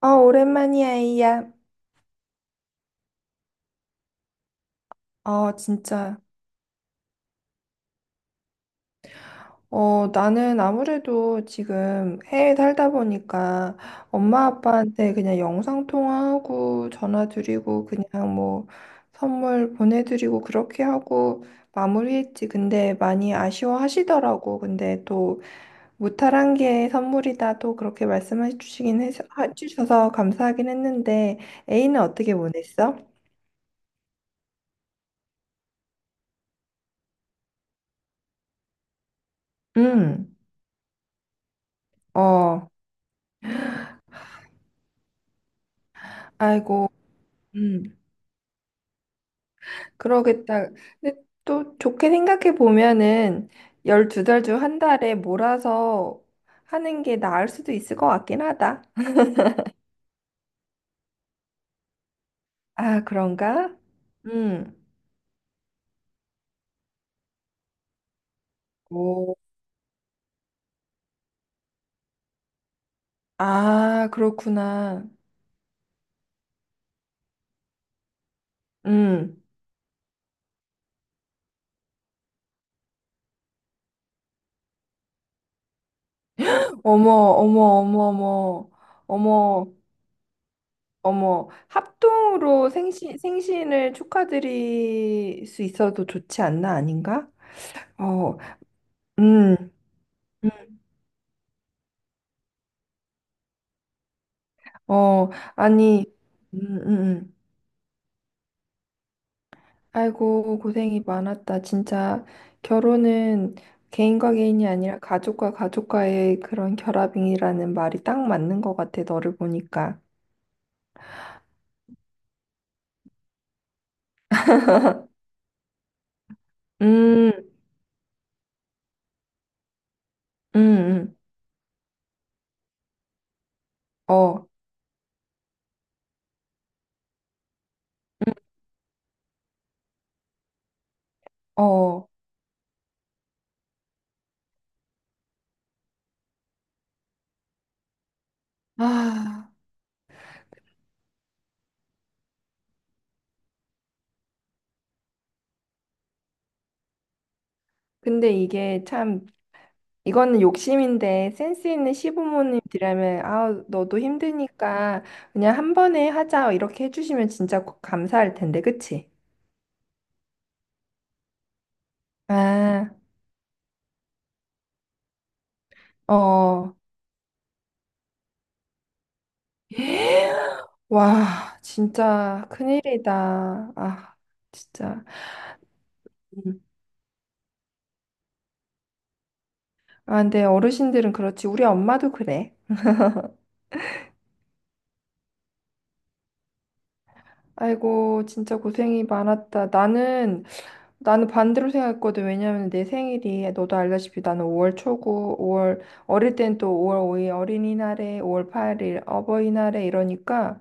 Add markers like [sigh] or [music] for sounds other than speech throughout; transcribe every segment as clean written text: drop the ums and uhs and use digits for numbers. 아, 오랜만이야, 이야. 아, 진짜. 어, 나는 아무래도 지금 해외 살다 보니까 엄마 아빠한테 그냥 영상 통화하고 전화 드리고 그냥 뭐 선물 보내드리고 그렇게 하고 마무리했지. 근데 많이 아쉬워하시더라고. 근데 또 무탈한 게 선물이다. 또 그렇게 말씀해 주시긴 해서, 해주셔서 감사하긴 했는데 A는 어떻게 보냈어? 음, 어, 아이고. 음. 그러겠다. 근데 또 좋게 생각해 보면은 12달 중 한 달에 몰아서 하는 게 나을 수도 있을 것 같긴 하다. 아, 그런가? 음. 오. 아, 그렇구나. 음. 어머, 어머, 어머, 어머. 어머, 어머. 합동으로 생신을 축하드릴 수 있어도 좋지 않나, 아닌가? 어, 음, 음. 어, 아니, 음, 음. 아이고, 고생이 많았다. 진짜 결혼은 개인과 개인이 아니라 가족과 가족과의 그런 결합이라는 말이 딱 맞는 것 같아, 너를 보니까. 음, 음, 음. 어, 음, 어. 아, 근데 이게 참, 이거는 욕심인데 센스 있는 시부모님들이라면, 아, 너도 힘드니까 그냥 한 번에 하자. 이렇게 해주시면 진짜 감사할 텐데, 그치? 아, 어. [gasps] 와, 진짜 큰일이다. 아, 진짜. 음. 아, 근데 어르신들은 그렇지. 우리 엄마도 그래. 아이고, 진짜 고생이 많았다. 나는 반대로 생각했거든. 왜냐면 내 생일이, 너도 알다시피 나는 5월 초고, 5월, 어릴 땐 또 5월 5일 어린이날에, 5월 8일 어버이날에 이러니까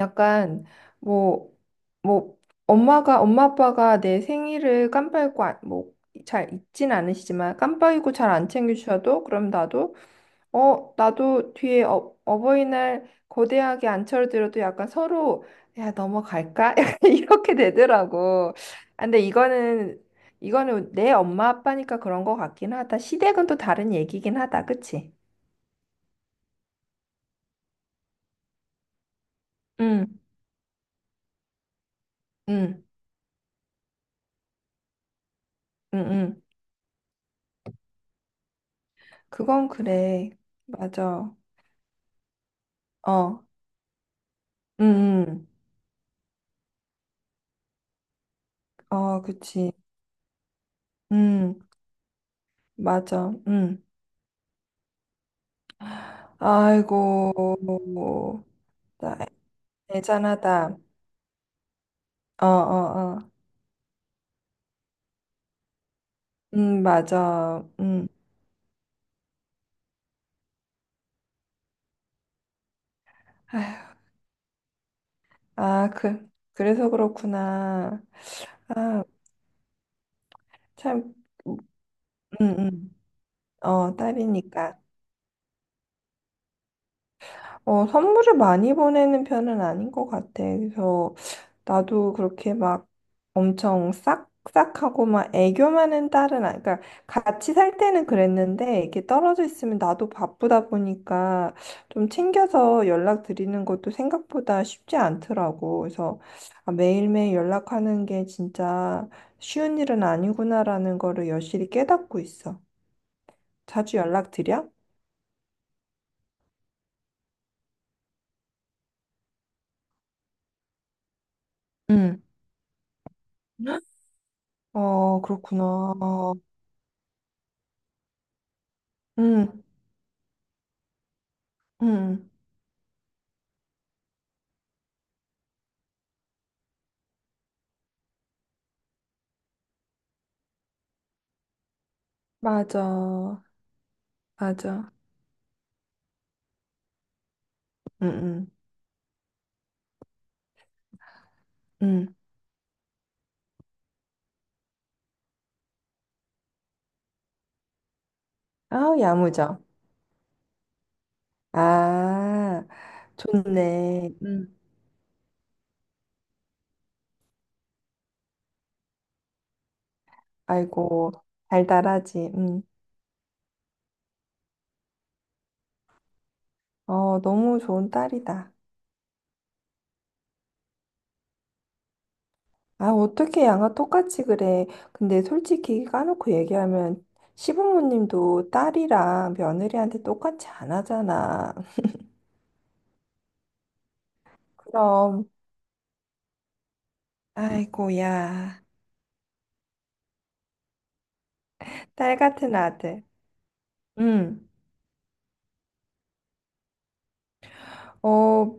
약간 뭐 뭐 엄마 아빠가 내 생일을 깜빡이고 뭐잘 잊진 않으시지만 깜빡이고 잘 안 챙겨주셔도 그럼 나도 나도 뒤에 어버이날 거대하게 안 차려드려도 약간 서로 야 넘어갈까 [laughs] 약간 이렇게 되더라고. 아, 근데 이거는 내 엄마 아빠니까 그런 거 같긴 하다. 시댁은 또 다른 얘기긴 하다, 그치? 응, 응, 응, 응. 그건 그래. 맞아. 어. 음, 음. 아, 그치. 음, 맞아. 음. 아이고, 나 애잔하다. 어, 어, 어. 맞아. 음. 아휴, 아, 그, 그래서 그렇구나. 아, 참, 음, 음. 어, 딸이니까. 어, 선물을 많이 보내는 편은 아닌 것 같아. 그래서 나도 그렇게 막 엄청 싹싹하고 막 애교 많은 딸은 아니, 그러니까 같이 살 때는 그랬는데 이렇게 떨어져 있으면 나도 바쁘다 보니까 좀 챙겨서 연락 드리는 것도 생각보다 쉽지 않더라고. 그래서 아, 매일매일 연락하는 게 진짜 쉬운 일은 아니구나라는 거를 여실히 깨닫고 있어. 자주 연락 드려? 응. 어, 그렇구나. 어, 응. 응, 맞아, 맞아. 응, 응, 응. 아우, 야무져. 아, 좋네. 응 아이고, 달달하지. 응. 어, 너무 좋은 딸이다. 아, 어떻게 양아 똑같이 그래. 근데 솔직히 까놓고 얘기하면 시부모님도 딸이랑 며느리한테 똑같이 안 하잖아. 그럼, 아이고, 야. 딸 같은 아들. 응. 어,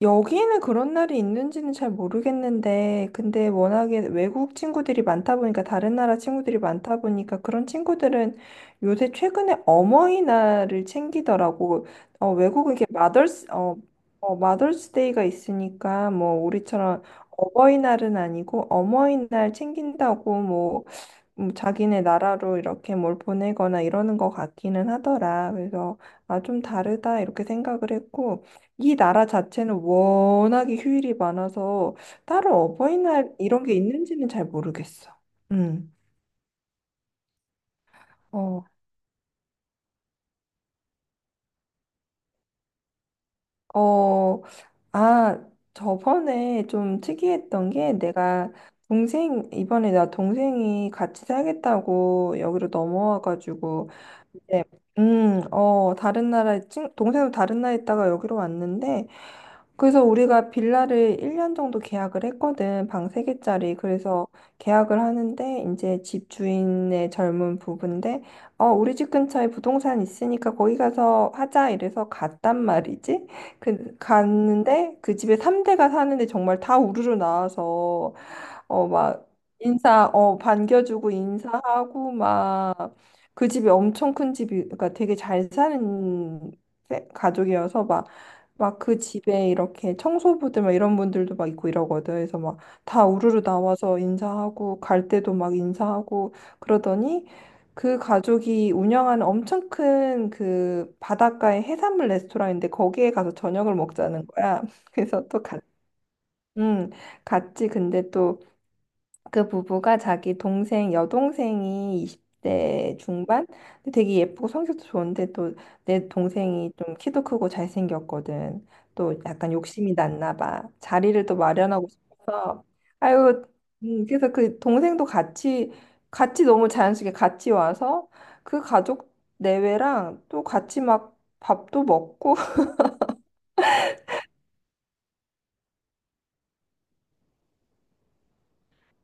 여기는 그런 날이 있는지는 잘 모르겠는데, 근데 워낙에 외국 친구들이 많다 보니까, 다른 나라 친구들이 많다 보니까, 그런 친구들은 요새 최근에 어머니날을 챙기더라고. 어, 외국은 이게 마더스, 어, 어, 마더스데이가 있으니까, 뭐, 우리처럼 어버이날은 아니고, 어머니날 챙긴다고, 뭐, 자기네 나라로 이렇게 뭘 보내거나 이러는 것 같기는 하더라. 그래서, 아, 좀 다르다, 이렇게 생각을 했고, 이 나라 자체는 워낙에 휴일이 많아서 따로 어버이날 이런 게 있는지는 잘 모르겠어. 음. 어, 어, 아, 저번에 좀 특이했던 게 내가 이번에 나 동생이 같이 살겠다고 여기로 넘어와가지고, 이제, 어, 동생도 다른 나라에 있다가 여기로 왔는데, 그래서 우리가 빌라를 1년 정도 계약을 했거든. 방 3개짜리. 그래서 계약을 하는데 이제 집주인의 젊은 부부인데 어, 우리 집 근처에 부동산 있으니까 거기 가서 하자 이래서 갔단 말이지. 그 갔는데 그 집에 3대가 사는데 정말 다 우르르 나와서 어, 막, 반겨주고 인사하고, 막, 그 집이 엄청 큰 집이, 그러니까 되게 잘 사는 가족이어서, 막, 막 그 집에 이렇게 청소부들 막 이런 분들도 막 있고 이러거든. 그래서 막 다 우르르 나와서 인사하고 갈 때도 막 인사하고 그러더니 그 가족이 운영하는 엄청 큰 그 바닷가의 해산물 레스토랑인데 거기에 가서 저녁을 먹자는 거야. [laughs] 그래서 또 갔, 음, 갔지. 근데 그 부부가 자기 동생 여동생이 20대 중반 근데 되게 예쁘고 성격도 좋은데 또 내 동생이 좀 키도 크고 잘생겼거든. 또 약간 욕심이 났나 봐. 자리를 또 마련하고 싶어서 아유 그래서 그 동생도 같이 너무 자연스럽게 같이 와서 그 가족 내외랑 또 같이 막 밥도 먹고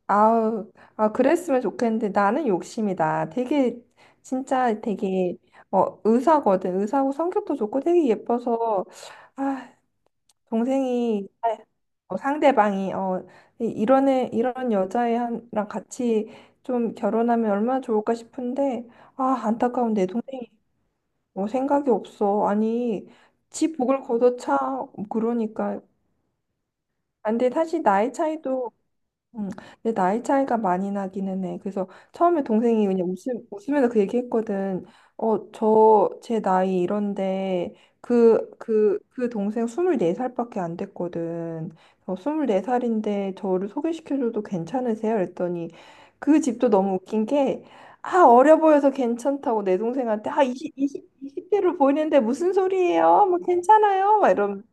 아우, 아, 그랬으면 좋겠는데 나는 욕심이다. 되게, 진짜 되게, 어, 의사거든. 의사고 성격도 좋고 되게 예뻐서, 아, 동생이, 아, 상대방이, 어, 이런 애, 이런 여자애랑 같이 좀 결혼하면 얼마나 좋을까 싶은데, 아, 안타까운 내 동생이 뭐 생각이 없어. 아니, 지 복을 걷어차. 그러니까. 안 돼. 사실 나이 차이도 음, 근데 나이 차이가 많이 나기는 해. 그래서 처음에 동생이 그냥 웃으면서 그 얘기했거든. 어, 제 나이 이런데, 그 동생 24살밖에 안 됐거든. 어, 24살인데 저를 소개시켜줘도 괜찮으세요? 그랬더니 그 집도 너무 웃긴 게, 아, 어려 보여서 괜찮다고 내 동생한테, 아, 20대로 보이는데 무슨 소리예요? 뭐 괜찮아요? 막 이러면.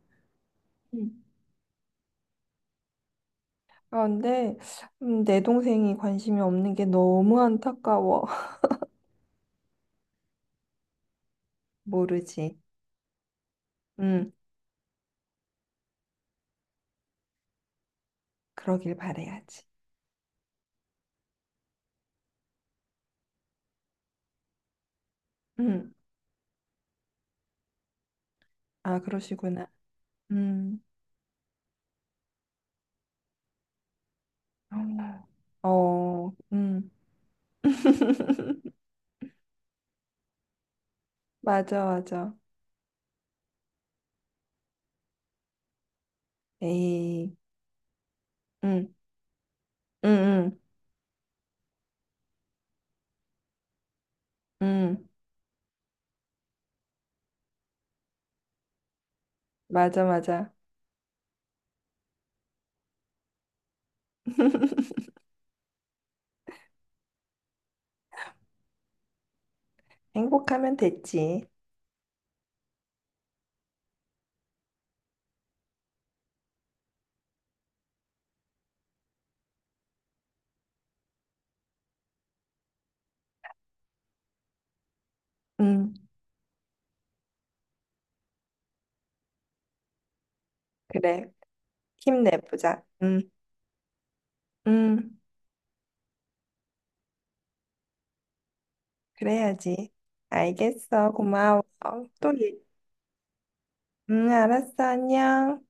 아, 근데 내 동생이 관심이 없는 게 너무 안타까워. [laughs] 모르지. 음, 그러길 바래야지. 음, 아, 그러시구나. 음, 어, 어, [laughs] 맞아, 맞아. 에이, 음, 음, 음, 음, 맞아, 맞아. [laughs] 행복하면 됐지. 음, 그래. 힘내보자. 음, 그래야지. 알겠어. 고마워. 또, 알았어. 안녕.